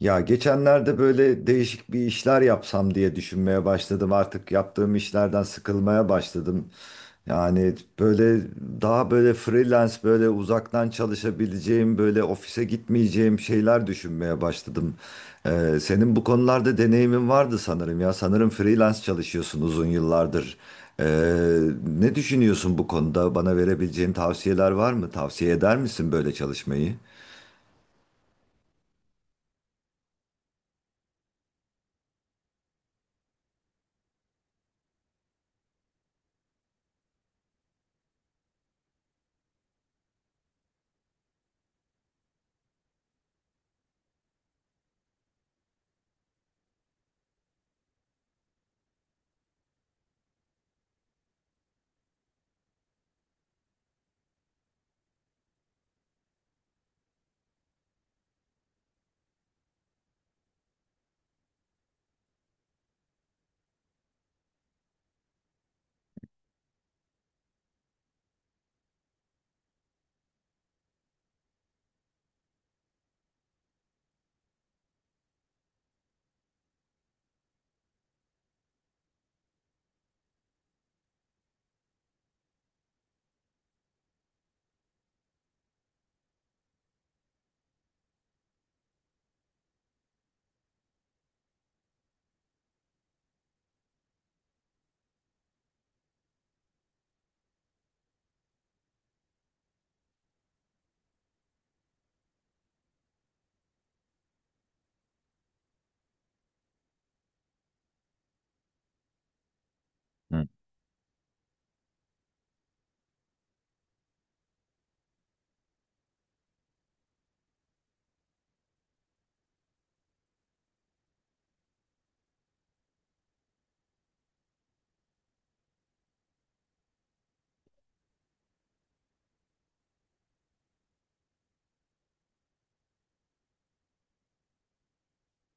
Ya geçenlerde böyle değişik bir işler yapsam diye düşünmeye başladım. Artık yaptığım işlerden sıkılmaya başladım. Yani böyle daha böyle freelance böyle uzaktan çalışabileceğim böyle ofise gitmeyeceğim şeyler düşünmeye başladım. Senin bu konularda deneyimin vardı sanırım ya. Sanırım freelance çalışıyorsun uzun yıllardır. Ee, Ne düşünüyorsun bu konuda? Bana verebileceğin tavsiyeler var mı? Tavsiye eder misin böyle çalışmayı?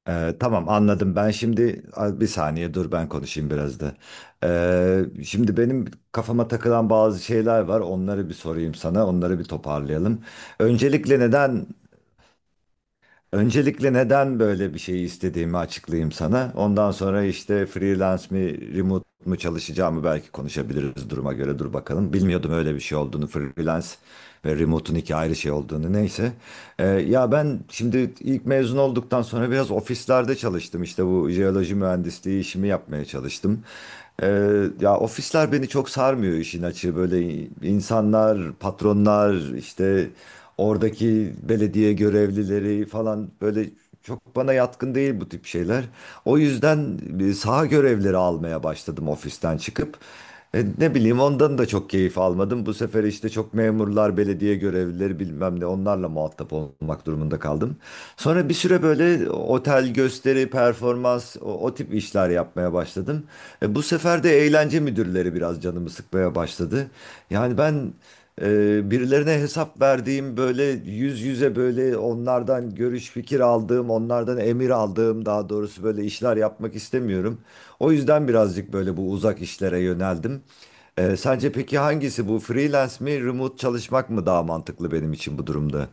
Tamam, anladım. Ben şimdi bir saniye dur, ben konuşayım biraz da. Şimdi benim kafama takılan bazı şeyler var. Onları bir sorayım sana. Onları bir toparlayalım. Öncelikle neden Öncelikle neden böyle bir şeyi istediğimi açıklayayım sana. Ondan sonra işte freelance mi, remote mu çalışacağımı belki konuşabiliriz duruma göre. Dur bakalım, bilmiyordum öyle bir şey olduğunu. Freelance ve remote'un iki ayrı şey olduğunu. Neyse. Ya ben şimdi ilk mezun olduktan sonra biraz ofislerde çalıştım. İşte bu jeoloji mühendisliği işimi yapmaya çalıştım. Ee, Ya ofisler beni çok sarmıyor, işin açığı. Böyle insanlar, patronlar, işte oradaki belediye görevlileri falan, böyle çok bana yatkın değil bu tip şeyler. O yüzden saha görevleri almaya başladım ofisten çıkıp. Ne bileyim, ondan da çok keyif almadım. Bu sefer işte çok memurlar, belediye görevlileri, bilmem ne, onlarla muhatap olmak durumunda kaldım. Sonra bir süre böyle otel gösteri, performans, o tip işler yapmaya başladım. Bu sefer de eğlence müdürleri biraz canımı sıkmaya başladı. Yani ben birilerine hesap verdiğim, böyle yüz yüze böyle onlardan görüş fikir aldığım, onlardan emir aldığım daha doğrusu, böyle işler yapmak istemiyorum. O yüzden birazcık böyle bu uzak işlere yöneldim. Sence peki hangisi bu, freelance mi, remote çalışmak mı daha mantıklı benim için bu durumda?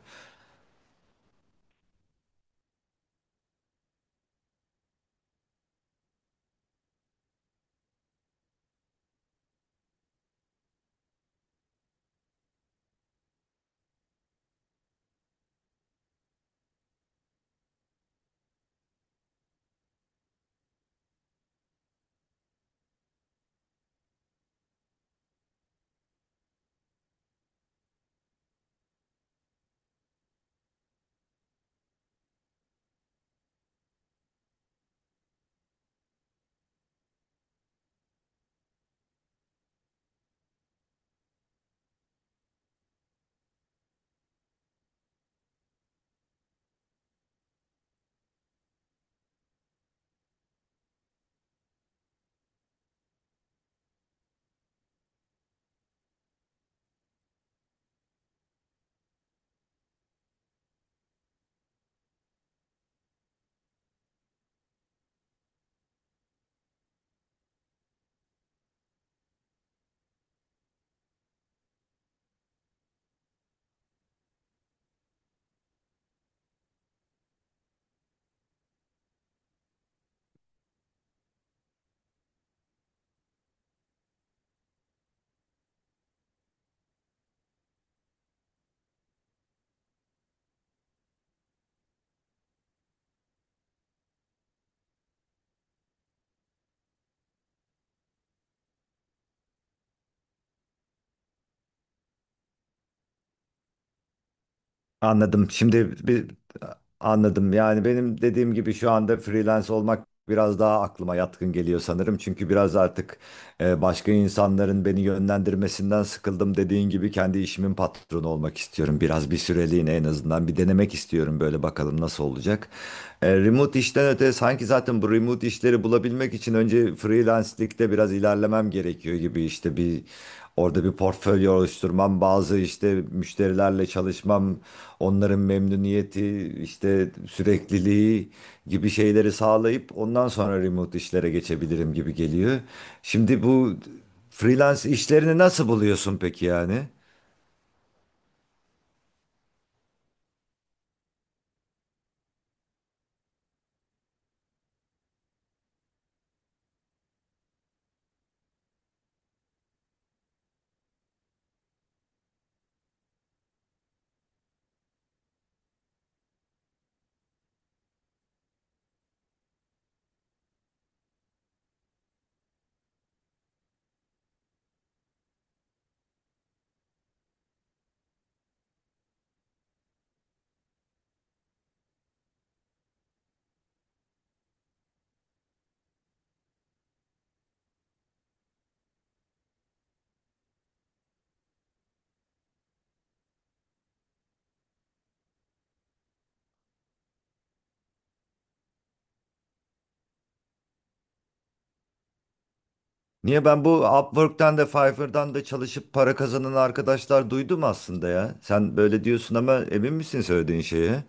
Anladım. Şimdi bir Anladım. Yani benim dediğim gibi şu anda freelance olmak biraz daha aklıma yatkın geliyor sanırım. Çünkü biraz artık başka insanların beni yönlendirmesinden sıkıldım. Dediğin gibi kendi işimin patronu olmak istiyorum. Biraz bir süreliğine, en azından, bir denemek istiyorum böyle, bakalım nasıl olacak. Remote işten öte, sanki zaten bu remote işleri bulabilmek için önce freelance'likte biraz ilerlemem gerekiyor gibi, işte. Orada bir portfolyo oluşturmam, bazı işte müşterilerle çalışmam, onların memnuniyeti, işte sürekliliği gibi şeyleri sağlayıp ondan sonra remote işlere geçebilirim gibi geliyor. Şimdi bu freelance işlerini nasıl buluyorsun peki yani? Niye, ben bu Upwork'tan da Fiverr'dan da çalışıp para kazanan arkadaşlar duydum aslında ya. Sen böyle diyorsun ama emin misin söylediğin şeye?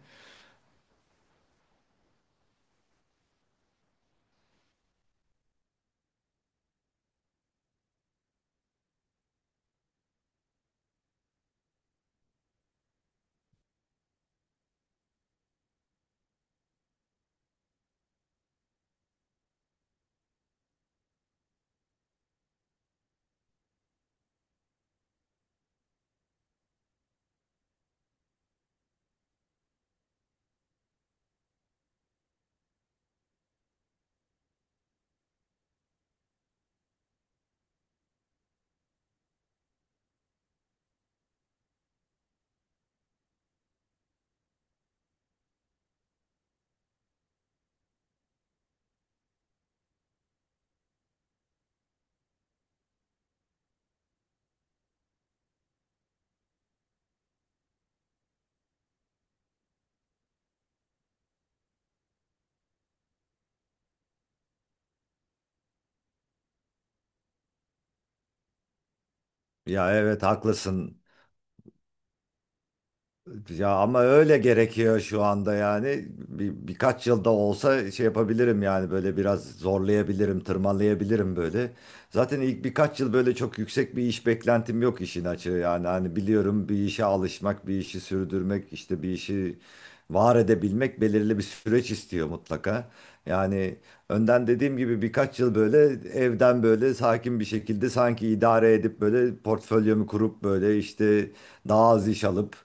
Ya evet, haklısın. Ya ama öyle gerekiyor şu anda yani. Birkaç yılda olsa şey yapabilirim yani, böyle biraz zorlayabilirim, tırmalayabilirim böyle. Zaten ilk birkaç yıl böyle çok yüksek bir iş beklentim yok, işin açığı yani. Hani biliyorum, bir işe alışmak, bir işi sürdürmek, işte bir işi var edebilmek belirli bir süreç istiyor mutlaka. Yani önden dediğim gibi birkaç yıl böyle evden böyle sakin bir şekilde sanki idare edip, böyle portfolyomu kurup, böyle işte daha az iş alıp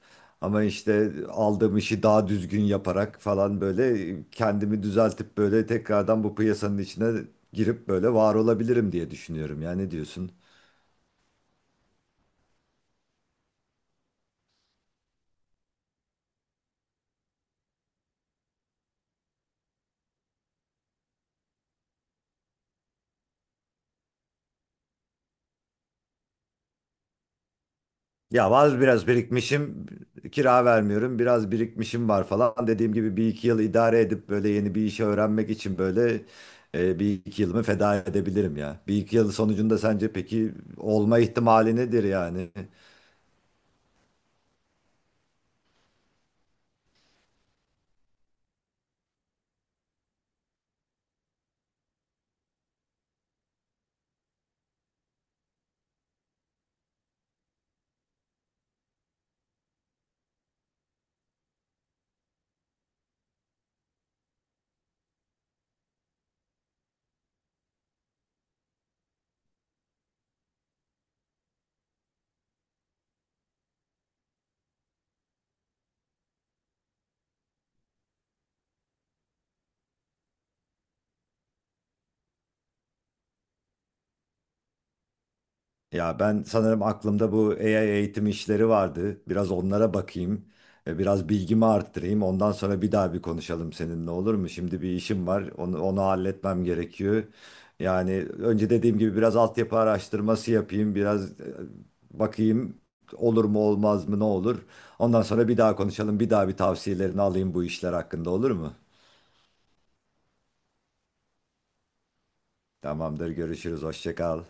ama işte aldığım işi daha düzgün yaparak falan, böyle kendimi düzeltip böyle tekrardan bu piyasanın içine girip böyle var olabilirim diye düşünüyorum. Ya ne diyorsun? Ya var, biraz birikmişim, kira vermiyorum, biraz birikmişim var falan. Dediğim gibi bir iki yıl idare edip böyle yeni bir işi öğrenmek için böyle bir iki yılımı feda edebilirim ya. Bir iki yıl sonucunda sence peki olma ihtimali nedir yani? Ya ben sanırım aklımda bu AI eğitim işleri vardı. Biraz onlara bakayım. Biraz bilgimi arttırayım. Ondan sonra bir daha bir konuşalım seninle, olur mu? Şimdi bir işim var. Onu halletmem gerekiyor. Yani önce dediğim gibi biraz altyapı araştırması yapayım. Biraz bakayım olur mu olmaz mı, ne olur. Ondan sonra bir daha konuşalım. Bir daha bir tavsiyelerini alayım bu işler hakkında, olur mu? Tamamdır, görüşürüz. Hoşça kal.